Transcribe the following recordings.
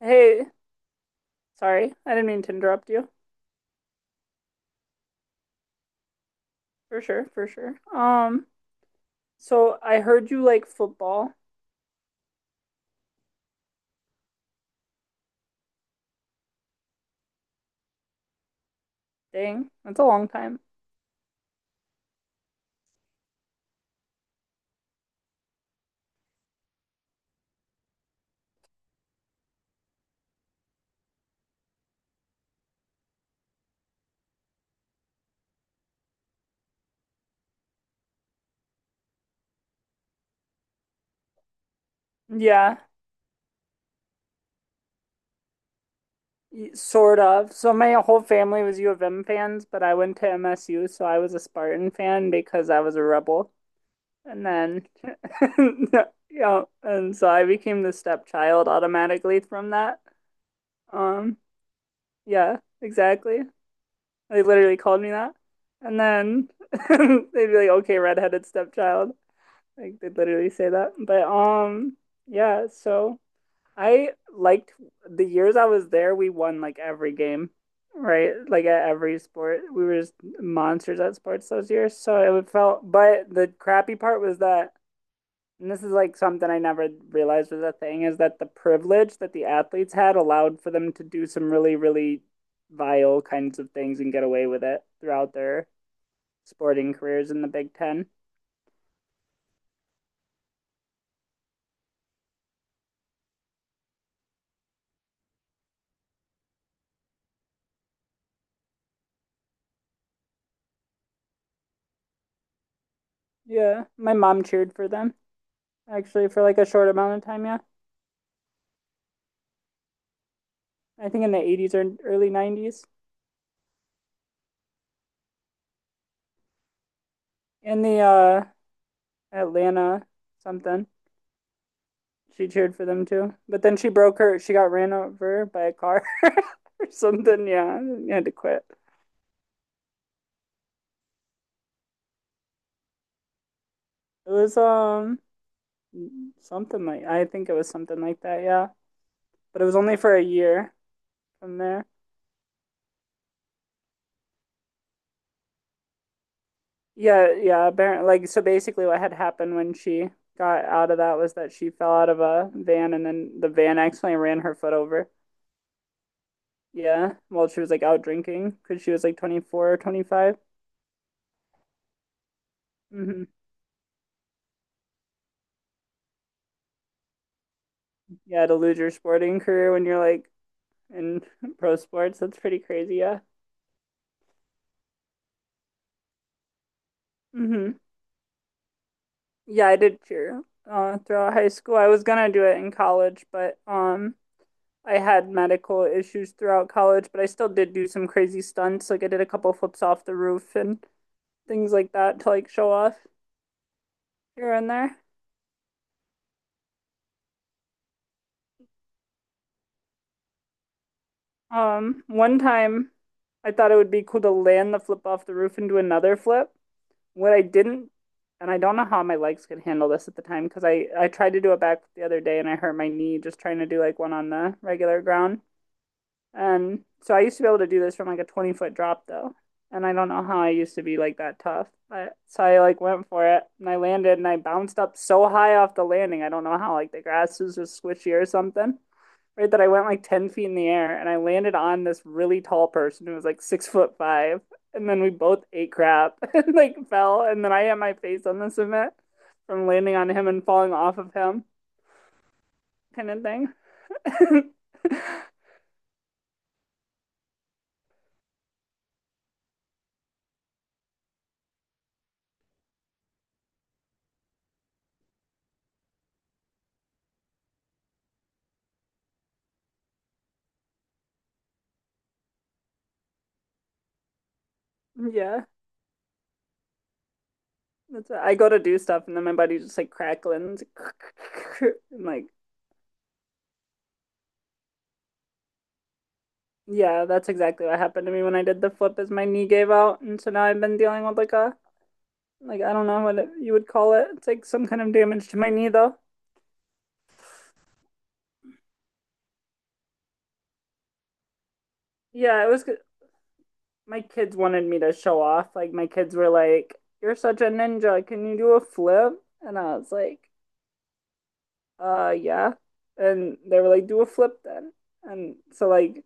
Hey, sorry. I didn't mean to interrupt you. For sure, for sure. So I heard you like football. Dang, that's a long time. Yeah, y- sort of. So my whole family was U of M fans, but I went to MSU, so I was a Spartan fan because I was a rebel. And then, yeah, and so I became the stepchild automatically from that. Um, yeah, exactly. They literally called me that. And then they'd be like, okay, redheaded stepchild. Like they literally say that. But yeah, so I liked the years I was there, we won like every game, right? Like at every sport. We were just monsters at sports those years. So it felt, but the crappy part was that, and this is like something I never realized was a thing, is that the privilege that the athletes had allowed for them to do some really, really vile kinds of things and get away with it throughout their sporting careers in the Big Ten. Yeah, my mom cheered for them. Actually for like a short amount of time, yeah. I think in the 80s or early 90s. In the Atlanta something, she cheered for them too. But then she broke her, she got ran over by a car or something, yeah. And had to quit. It was something like, I think it was something like that, yeah. But it was only for a year from there. Yeah, yeah, apparently, like, so basically what had happened when she got out of that was that she fell out of a van and then the van accidentally ran her foot over. Yeah, well, she was like out drinking because she was like 24 or 25. hmm Yeah, to lose your sporting career when you're like in pro sports, that's pretty crazy. Yeah. hmm Yeah, I did cheer throughout high school. I was gonna do it in college, but I had medical issues throughout college, but I still did do some crazy stunts. Like I did a couple flips off the roof and things like that to like show off here and there. One time I thought it would be cool to land the flip off the roof and do another flip. What I didn't, and I don't know how my legs could handle this at the time because I tried to do it back the other day and I hurt my knee just trying to do like one on the regular ground. And so I used to be able to do this from like a 20-foot drop though. And I don't know how I used to be like that tough. But so I like went for it and I landed and I bounced up so high off the landing. I don't know how, like, the grass was just squishy or something, right, that I went like 10 feet in the air and I landed on this really tall person who was like 6 foot five. And then we both ate crap and like fell. And then I had my face on the cement from landing on him and falling off of him, kind of thing. Yeah. That's, I go to do stuff and then my body's just like crackling. And like, yeah, that's exactly what happened to me when I did the flip, is my knee gave out. And so now I've been dealing with like a, like, I don't know what it, you would call it. It's like some kind of damage to my knee though. Yeah, it was, my kids wanted me to show off. Like my kids were like, "You're such a ninja. Can you do a flip?" And I was like, yeah." And they were like, "Do a flip then." And so like,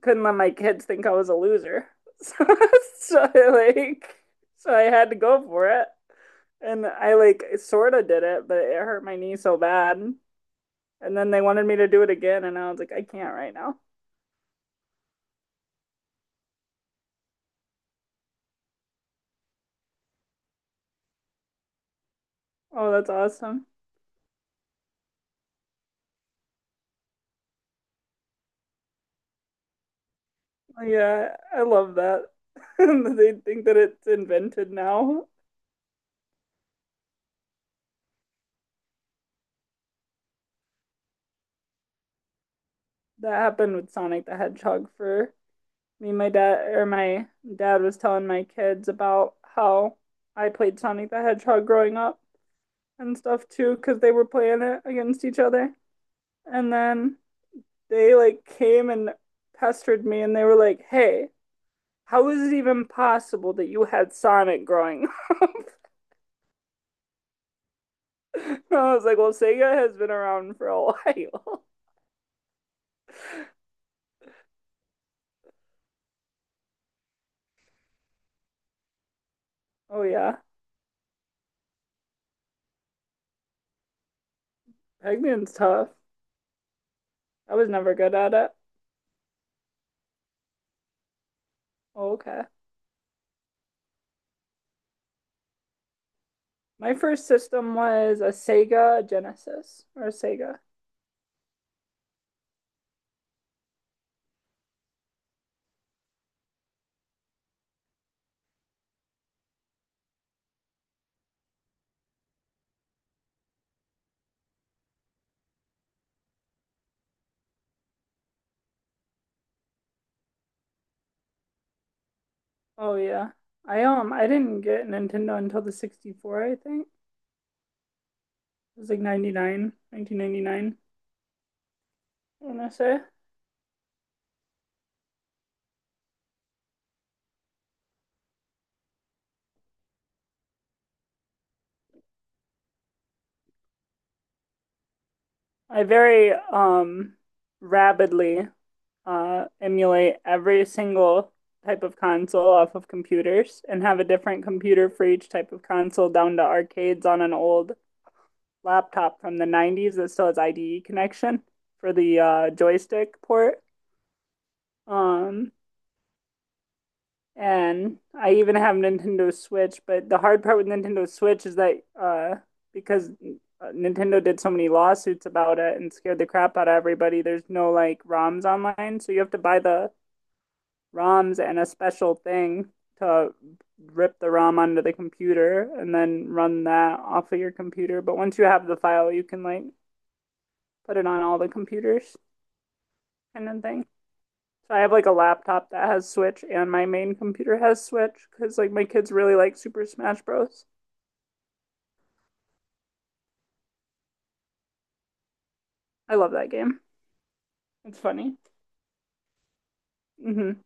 couldn't let my kids think I was a loser. So, so like, so I had to go for it. And I like sort of did it, but it hurt my knee so bad. And then they wanted me to do it again and I was like, "I can't right now." Oh, that's awesome. Yeah, I love that. They think that it's invented now. That happened with Sonic the Hedgehog for me. My dad was telling my kids about how I played Sonic the Hedgehog growing up and stuff too, because they were playing it against each other. And then they like came and pestered me and they were like, hey, how is it even possible that you had Sonic growing up? I was like, well, Sega has been around for a while. Oh yeah. Pac-Man's tough. I was never good at it. Oh, okay. My first system was a Sega Genesis or a Sega. Oh yeah. I didn't get Nintendo until the 64, I think. It was like 99, 1999. 1999, I want to say. I very rapidly emulate every single type of console off of computers and have a different computer for each type of console down to arcades on an old laptop from the 90s that still has IDE connection for the joystick port. Um, and I even have Nintendo Switch, but the hard part with Nintendo Switch is that because Nintendo did so many lawsuits about it and scared the crap out of everybody, there's no like ROMs online. So you have to buy the ROMs and a special thing to rip the ROM onto the computer and then run that off of your computer. But once you have the file, you can like put it on all the computers. Kind of thing. So I have like a laptop that has Switch and my main computer has Switch because like my kids really like Super Smash Bros. I love that game. It's funny. hmm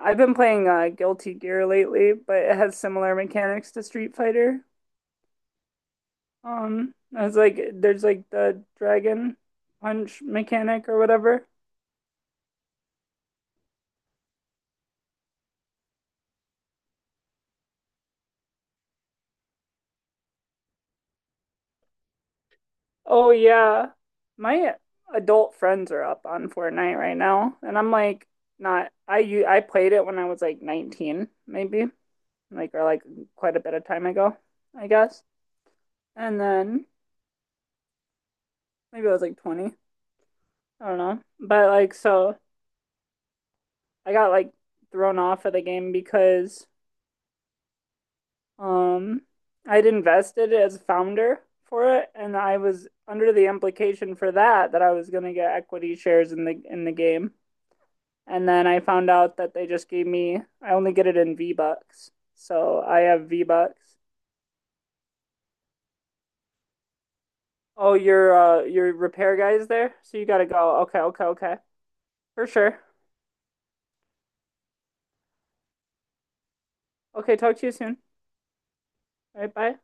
I've been playing Guilty Gear lately, but it has similar mechanics to Street Fighter. It's like there's like the dragon punch mechanic or whatever. Oh yeah, my adult friends are up on Fortnite right now, and I'm like, not, I u- I played it when I was like 19 maybe, like or like quite a bit of time ago, I guess. And then maybe it was like 20. I don't know. But like so I got like thrown off of the game because um I'd invested as founder for it and I was under the implication for that, that I was going to get equity shares in the game. And then I found out that they just gave me, I only get it in V-bucks. So I have V-bucks. Oh, your repair guy is there? So you got to go. Okay, okay, okay. For sure. Okay, talk to you soon. All right, bye.